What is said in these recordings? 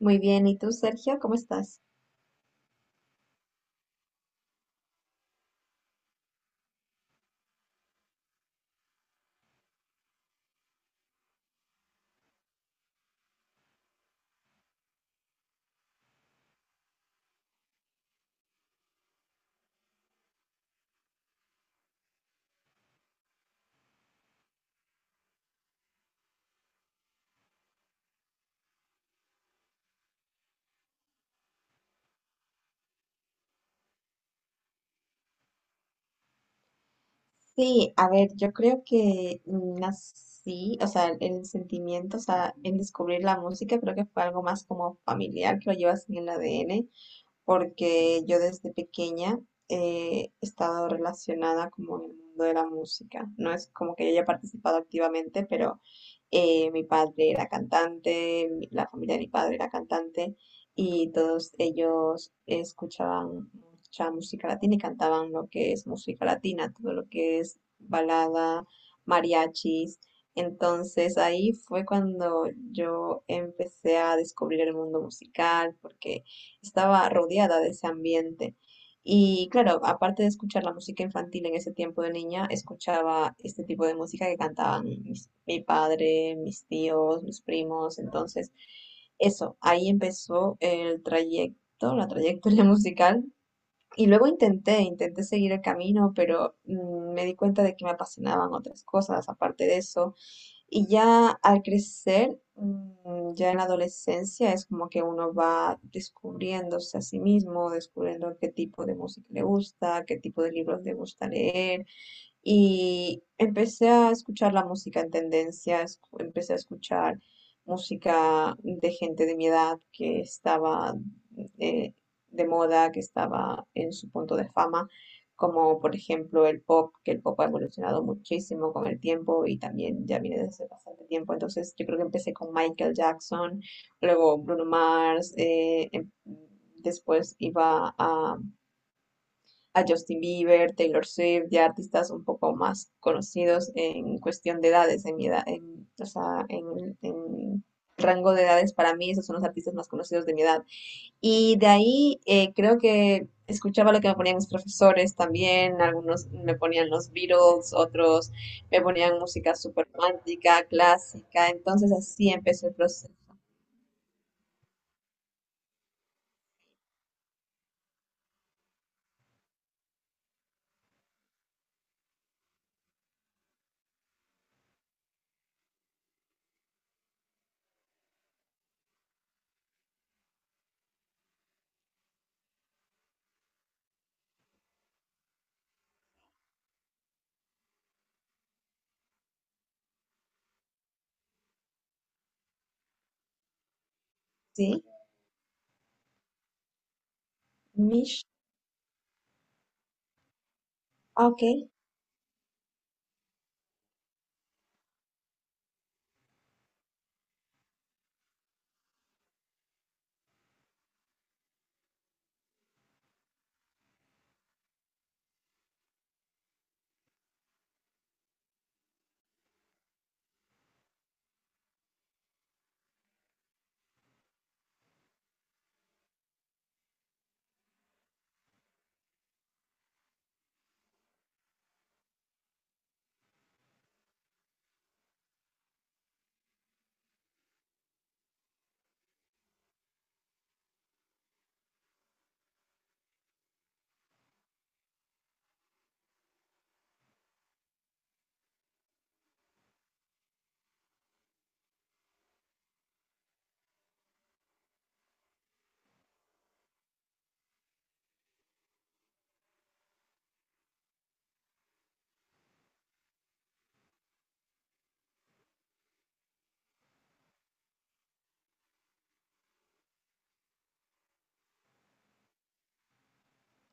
Muy bien, ¿y tú, Sergio? ¿Cómo estás? Sí, a ver, yo creo que nací, o sea, el sentimiento, o sea, el descubrir la música, creo que fue algo más como familiar, que lo llevas en el ADN. Porque yo desde pequeña he estado relacionada como en el mundo de la música. No es como que yo haya participado activamente, pero mi padre era cantante, la familia de mi padre era cantante, y todos ellos escuchaban mucha música latina y cantaban lo que es música latina, todo lo que es balada, mariachis. Entonces ahí fue cuando yo empecé a descubrir el mundo musical, porque estaba rodeada de ese ambiente. Y claro, aparte de escuchar la música infantil en ese tiempo de niña, escuchaba este tipo de música que cantaban mi padre, mis tíos, mis primos. Entonces, eso, ahí empezó el trayecto, la trayectoria musical. Y luego intenté seguir el camino, pero me di cuenta de que me apasionaban otras cosas aparte de eso. Y ya al crecer, mm, ya en la adolescencia, es como que uno va descubriéndose a sí mismo, descubriendo qué tipo de música le gusta, qué tipo de libros le gusta leer, y empecé a escuchar la música en tendencia, empecé a escuchar música de gente de mi edad que estaba eh, de moda, que estaba en su punto de fama, como por ejemplo el pop, que el pop ha evolucionado muchísimo con el tiempo y también ya viene desde bastante tiempo. Entonces yo creo que empecé con Michael Jackson, luego Bruno Mars, después iba a Justin Bieber, Taylor Swift, ya artistas un poco más conocidos en cuestión de edades, en mi edad, en, o sea, en rango de edades para mí, esos son los artistas más conocidos de mi edad. Y de ahí creo que escuchaba lo que me ponían mis profesores también, algunos me ponían los Beatles, otros me ponían música súper romántica, clásica, entonces así empezó el proceso. Sí, Mish, ah, ok,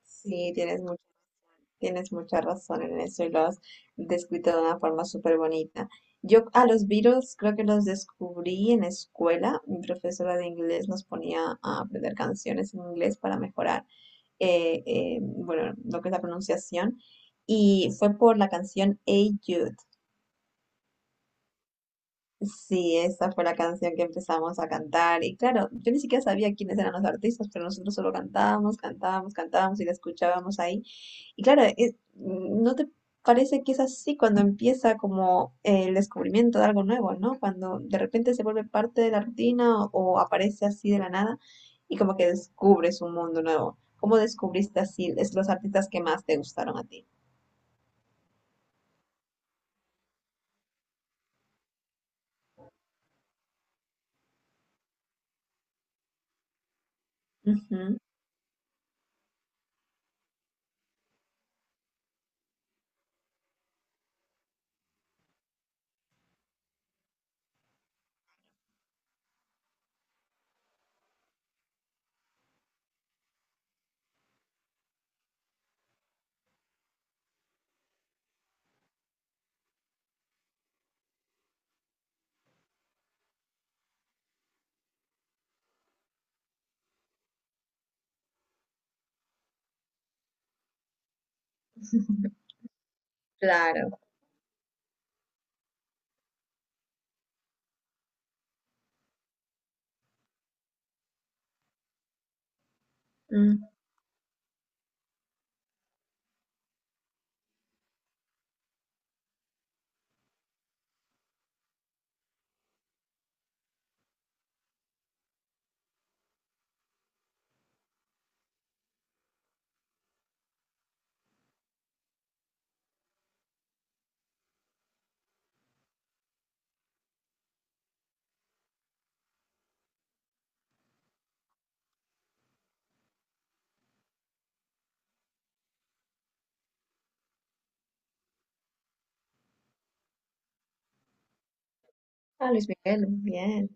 sí, tienes mucho. Tienes mucha razón en eso, y lo has descrito de una forma súper bonita. Yo a los Beatles creo que los descubrí en escuela. Mi profesora de inglés nos ponía a aprender canciones en inglés para mejorar, bueno, lo que es la pronunciación. Y fue por la canción Hey Jude. Sí, esa fue la canción que empezamos a cantar. Y claro, yo ni siquiera sabía quiénes eran los artistas, pero nosotros solo cantábamos, cantábamos, cantábamos y la escuchábamos ahí. Y claro, ¿no te parece que es así cuando empieza como el descubrimiento de algo nuevo, ¿no? Cuando de repente se vuelve parte de la rutina, o aparece así de la nada y como que descubres un mundo nuevo. ¿Cómo descubriste así es los artistas que más te gustaron a ti? Ujú, claro. Mm. Ah, Luis Miguel, bien.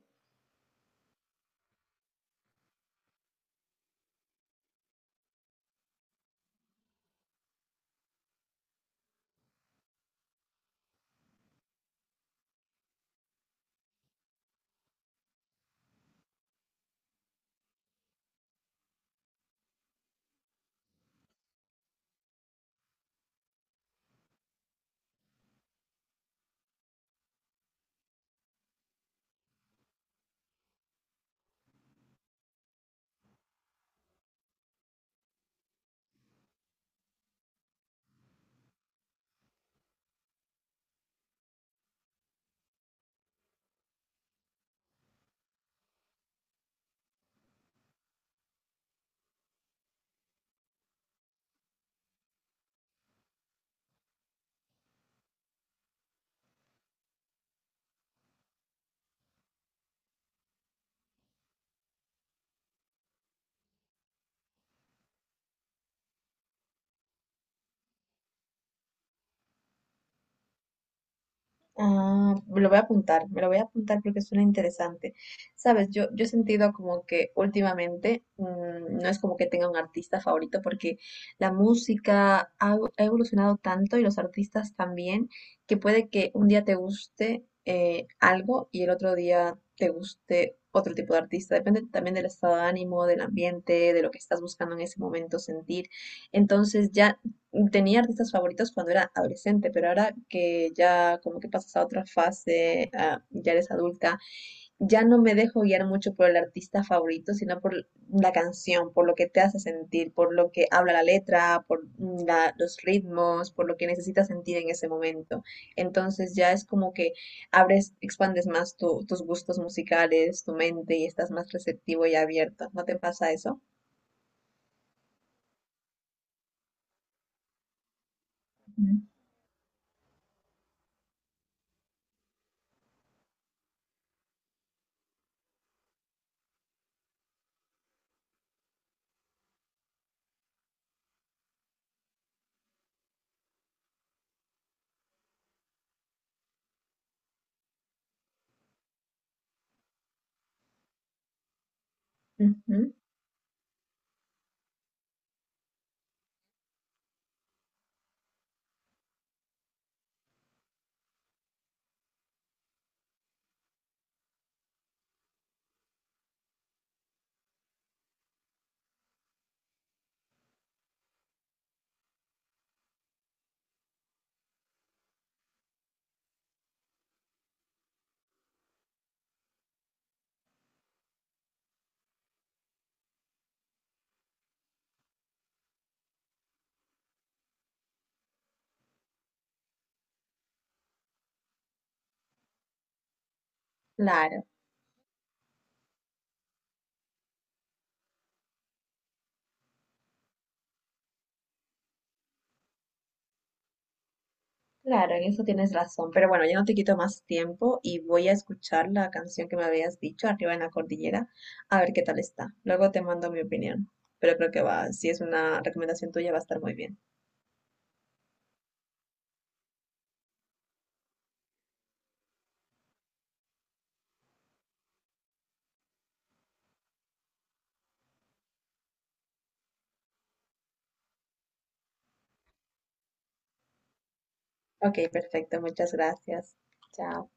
Ah, me lo voy a apuntar, me lo voy a apuntar porque suena interesante. Sabes, yo he sentido como que últimamente mm, no es como que tenga un artista favorito porque la música ha, ha evolucionado tanto y los artistas también, que puede que un día te guste algo y el otro día te guste otro tipo de artista. Depende también del estado de ánimo, del ambiente, de lo que estás buscando en ese momento sentir. Entonces ya tenía artistas favoritos cuando era adolescente, pero ahora que ya como que pasas a otra fase, ah, ya eres adulta, ya no me dejo guiar mucho por el artista favorito, sino por la canción, por lo que te hace sentir, por lo que habla la letra, por mm, los ritmos, por lo que necesitas sentir en ese momento. Entonces ya es como que abres, expandes más tus gustos musicales, tu mente y estás más receptivo y abierto. ¿No te pasa eso? Ujú. Ujú, claro. Claro, en eso tienes razón, pero bueno, ya no te quito más tiempo y voy a escuchar la canción que me habías dicho, Arriba en la Cordillera, a ver qué tal está. Luego te mando mi opinión, pero creo que va, si es una recomendación tuya, va a estar muy bien. Ok, perfecto, muchas gracias. Chao.